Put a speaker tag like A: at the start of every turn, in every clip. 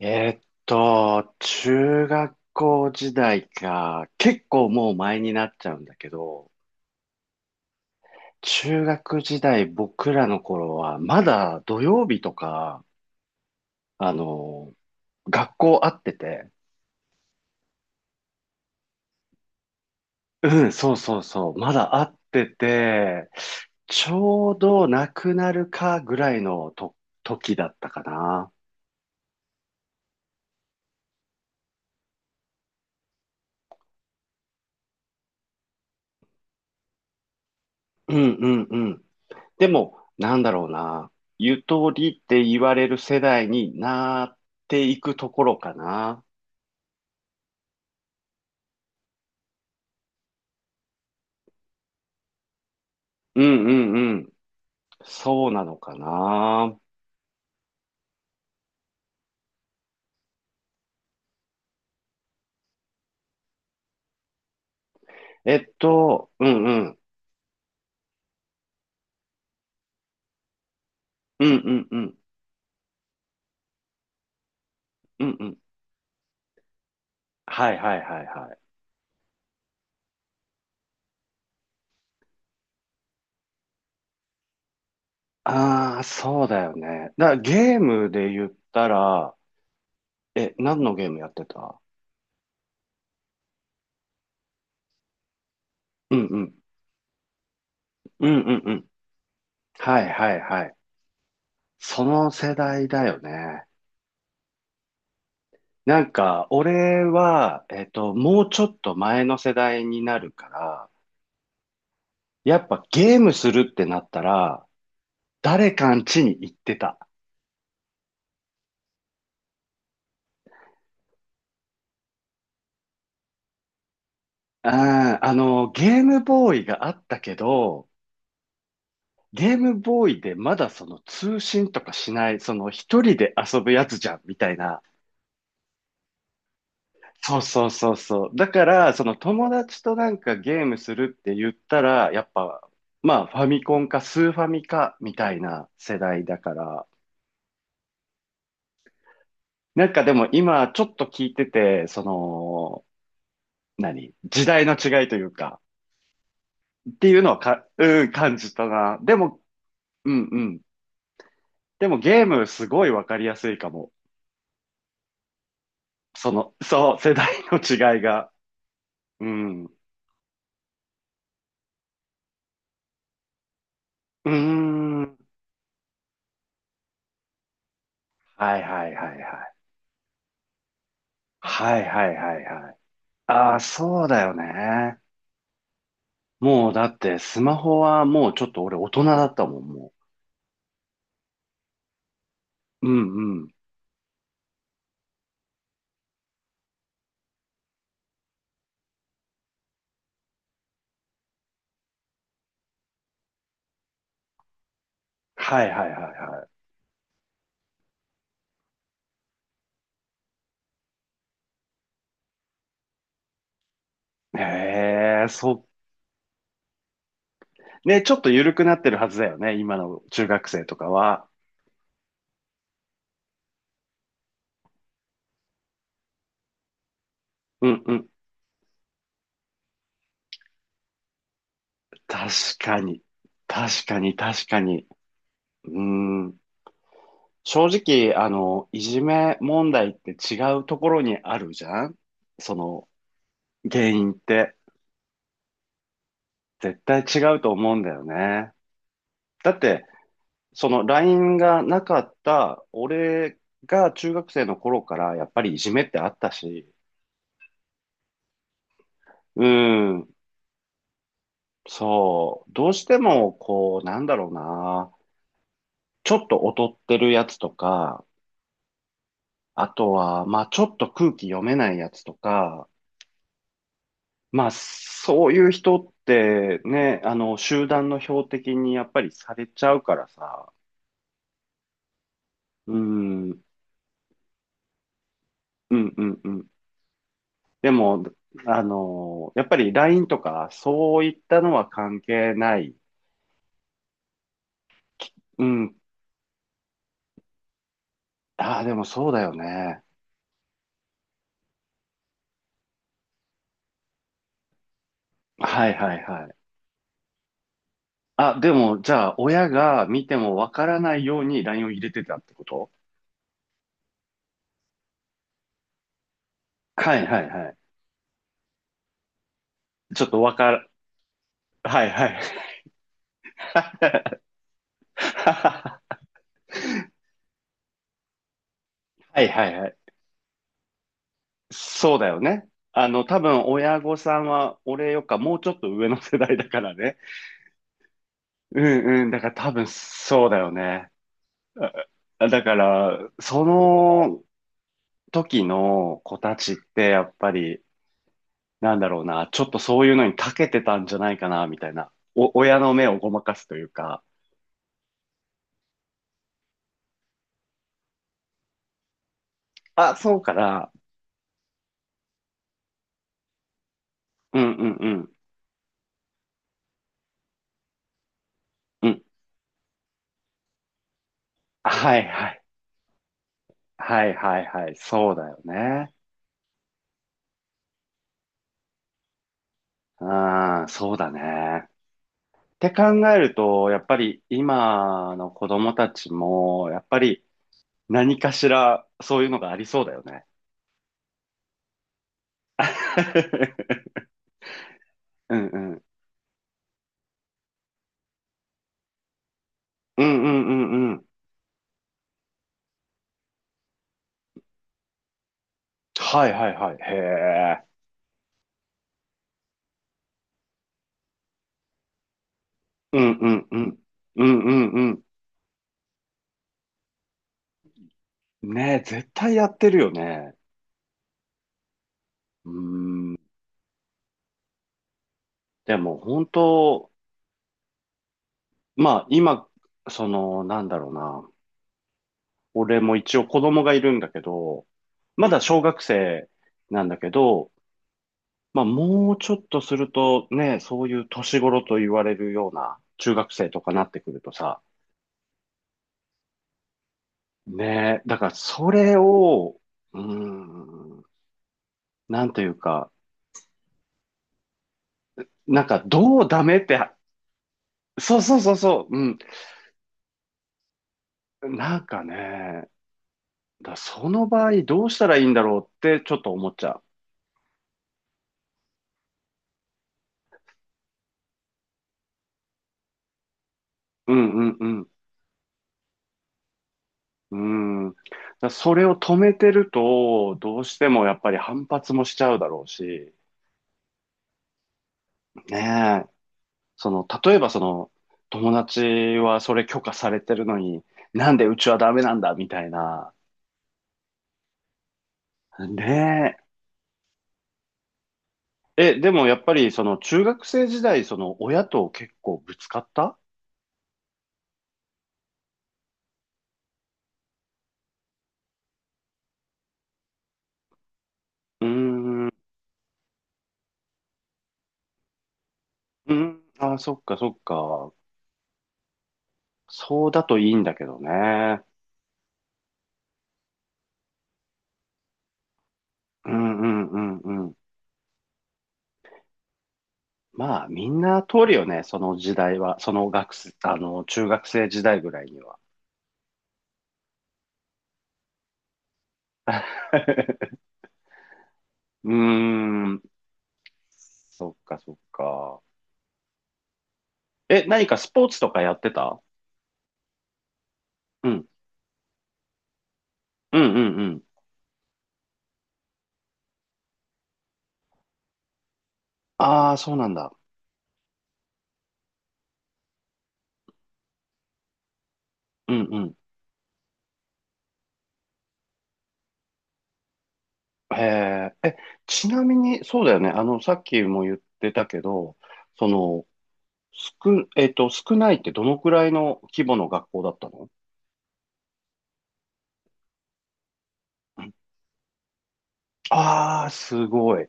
A: 中学校時代か、結構もう前になっちゃうんだけど、中学時代僕らの頃は、まだ土曜日とか、あの、学校会ってて、うん、そうそうそう、まだ会ってて、ちょうどなくなるかぐらいのと時だったかな。うんうん。でも、なんだろうな。ゆとりって言われる世代になっていくところかな。うんうんうん。そうなのかな。うんうん。うんうんうん。うんうん。はいはいはいはい。ああ、そうだよね。だからゲームで言ったら、何のゲームやってた？うんうん。うんうんうん。はいはいはい。その世代だよね。なんか、俺は、もうちょっと前の世代になるから、やっぱゲームするってなったら、誰かん家に行ってた。あゲームボーイがあったけど、ゲームボーイでまだその通信とかしない、その一人で遊ぶやつじゃん、みたいな。そうそうそうそう。だから、その友達となんかゲームするって言ったら、やっぱ、まあ、ファミコンかスーファミか、みたいな世代だから、なんかでも今ちょっと聞いてて、その、何時代の違いというか、っていうのはか、うん、感じたな。でも、うんうん。でもゲームすごいわかりやすいかも。その、そう、世代の違いが。うん。うーん。はいはいはいはい。はいはいはいはい。ああ、そうだよね。もうだってスマホはもうちょっと俺大人だったもん、もう。うんうん。はいはいはいはい。へえ、ね、ちょっと緩くなってるはずだよね、今の中学生とかは。うんうん。確かに。確かに、確かに。うーん。正直、いじめ問題って違うところにあるじゃんその原因って。絶対違うと思うんだよね。だって、その LINE がなかった、俺が中学生の頃からやっぱりいじめってあったし、うん、そう、どうしてもこう、なんだろうな。ちょっと劣ってるやつとか、あとは、まあちょっと空気読めないやつとか、まあそういう人ってね、集団の標的にやっぱりされちゃうからさ、うん、うんうんうん。でも、やっぱり LINE とかそういったのは関係ない。うん。ああ、でもそうだよね。はいはいはい。あ、でもじゃあ親が見てもわからないように LINE を入れてたってこと？はいはいはい。ちょっとはいはい。はいはいはい。そうだよね。多分親御さんは俺よっかもうちょっと上の世代だからね。うんうん。だから多分そうだよね。だから、その時の子たちってやっぱり、なんだろうな、ちょっとそういうのに長けてたんじゃないかな、みたいな。親の目をごまかすというか、あ、そうかな。うんうんうん。うん。はいはい。はいはいはい。そうだよね。ああ、そうだね。って考えると、やっぱり今の子供たちも、やっぱり何かしらそういうのがありそうだよね。うんうん。うんうんうんうん。はいはいはい。へえ。うんうんうん。うんうんうん。ねえ、絶対やってるよね。うーん。でも本当、まあ今、その、なんだろうな。俺も一応子供がいるんだけど、まだ小学生なんだけど、まあ、もうちょっとするとね、そういう年頃と言われるような中学生とかなってくるとさ、ねえ、だからそれを、うーん、なんというか、なんかどうダメって、そうそうそうそう、うん、なんかね、その場合どうしたらいいんだろうってちょっと思っちゃう。うんうんうん。うん。それを止めてると、どうしてもやっぱり反発もしちゃうだろうし、ねその、例えばその、友達はそれ許可されてるのに、なんでうちはダメなんだ、みたいな。ねえ。でもやっぱりその、中学生時代、その、親と結構ぶつかった？うーん、うん、あー、そっかそっか。そうだといいんだけどね。うんうんうんうん。まあ、みんな通るよね、その時代は。その学生、中学生時代ぐらいには。うーん、そっかそっか。何かスポーツとかやってた？うん。うんうんうん。ああ、そうなんだ。うんうん。へえ。ちなみに、そうだよね。さっきも言ってたけど、その、少、少ないってどのくらいの規模の学校だったの？ああー、すごい。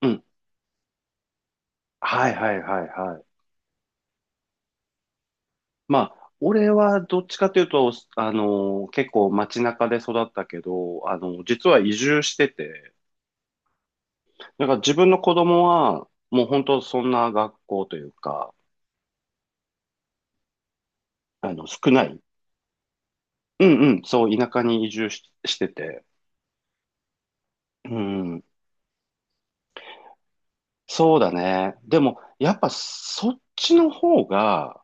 A: うん。はいはいはいはい。まあ、俺はどっちかというと、結構街中で育ったけど、実は移住してて、だから自分の子供は、もう本当そんな学校というか、少ない。うんうん、そう、田舎に移住し、してて。うん、そうだね。でも、やっぱそっちの方が、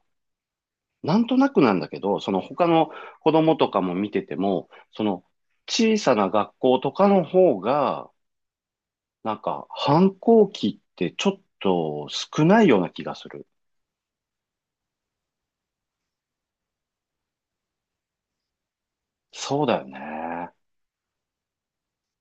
A: なんとなくなんだけど、その他の子供とかも見てても、その小さな学校とかの方が、なんか反抗期ってちょっと少ないような気がする。そうだよね。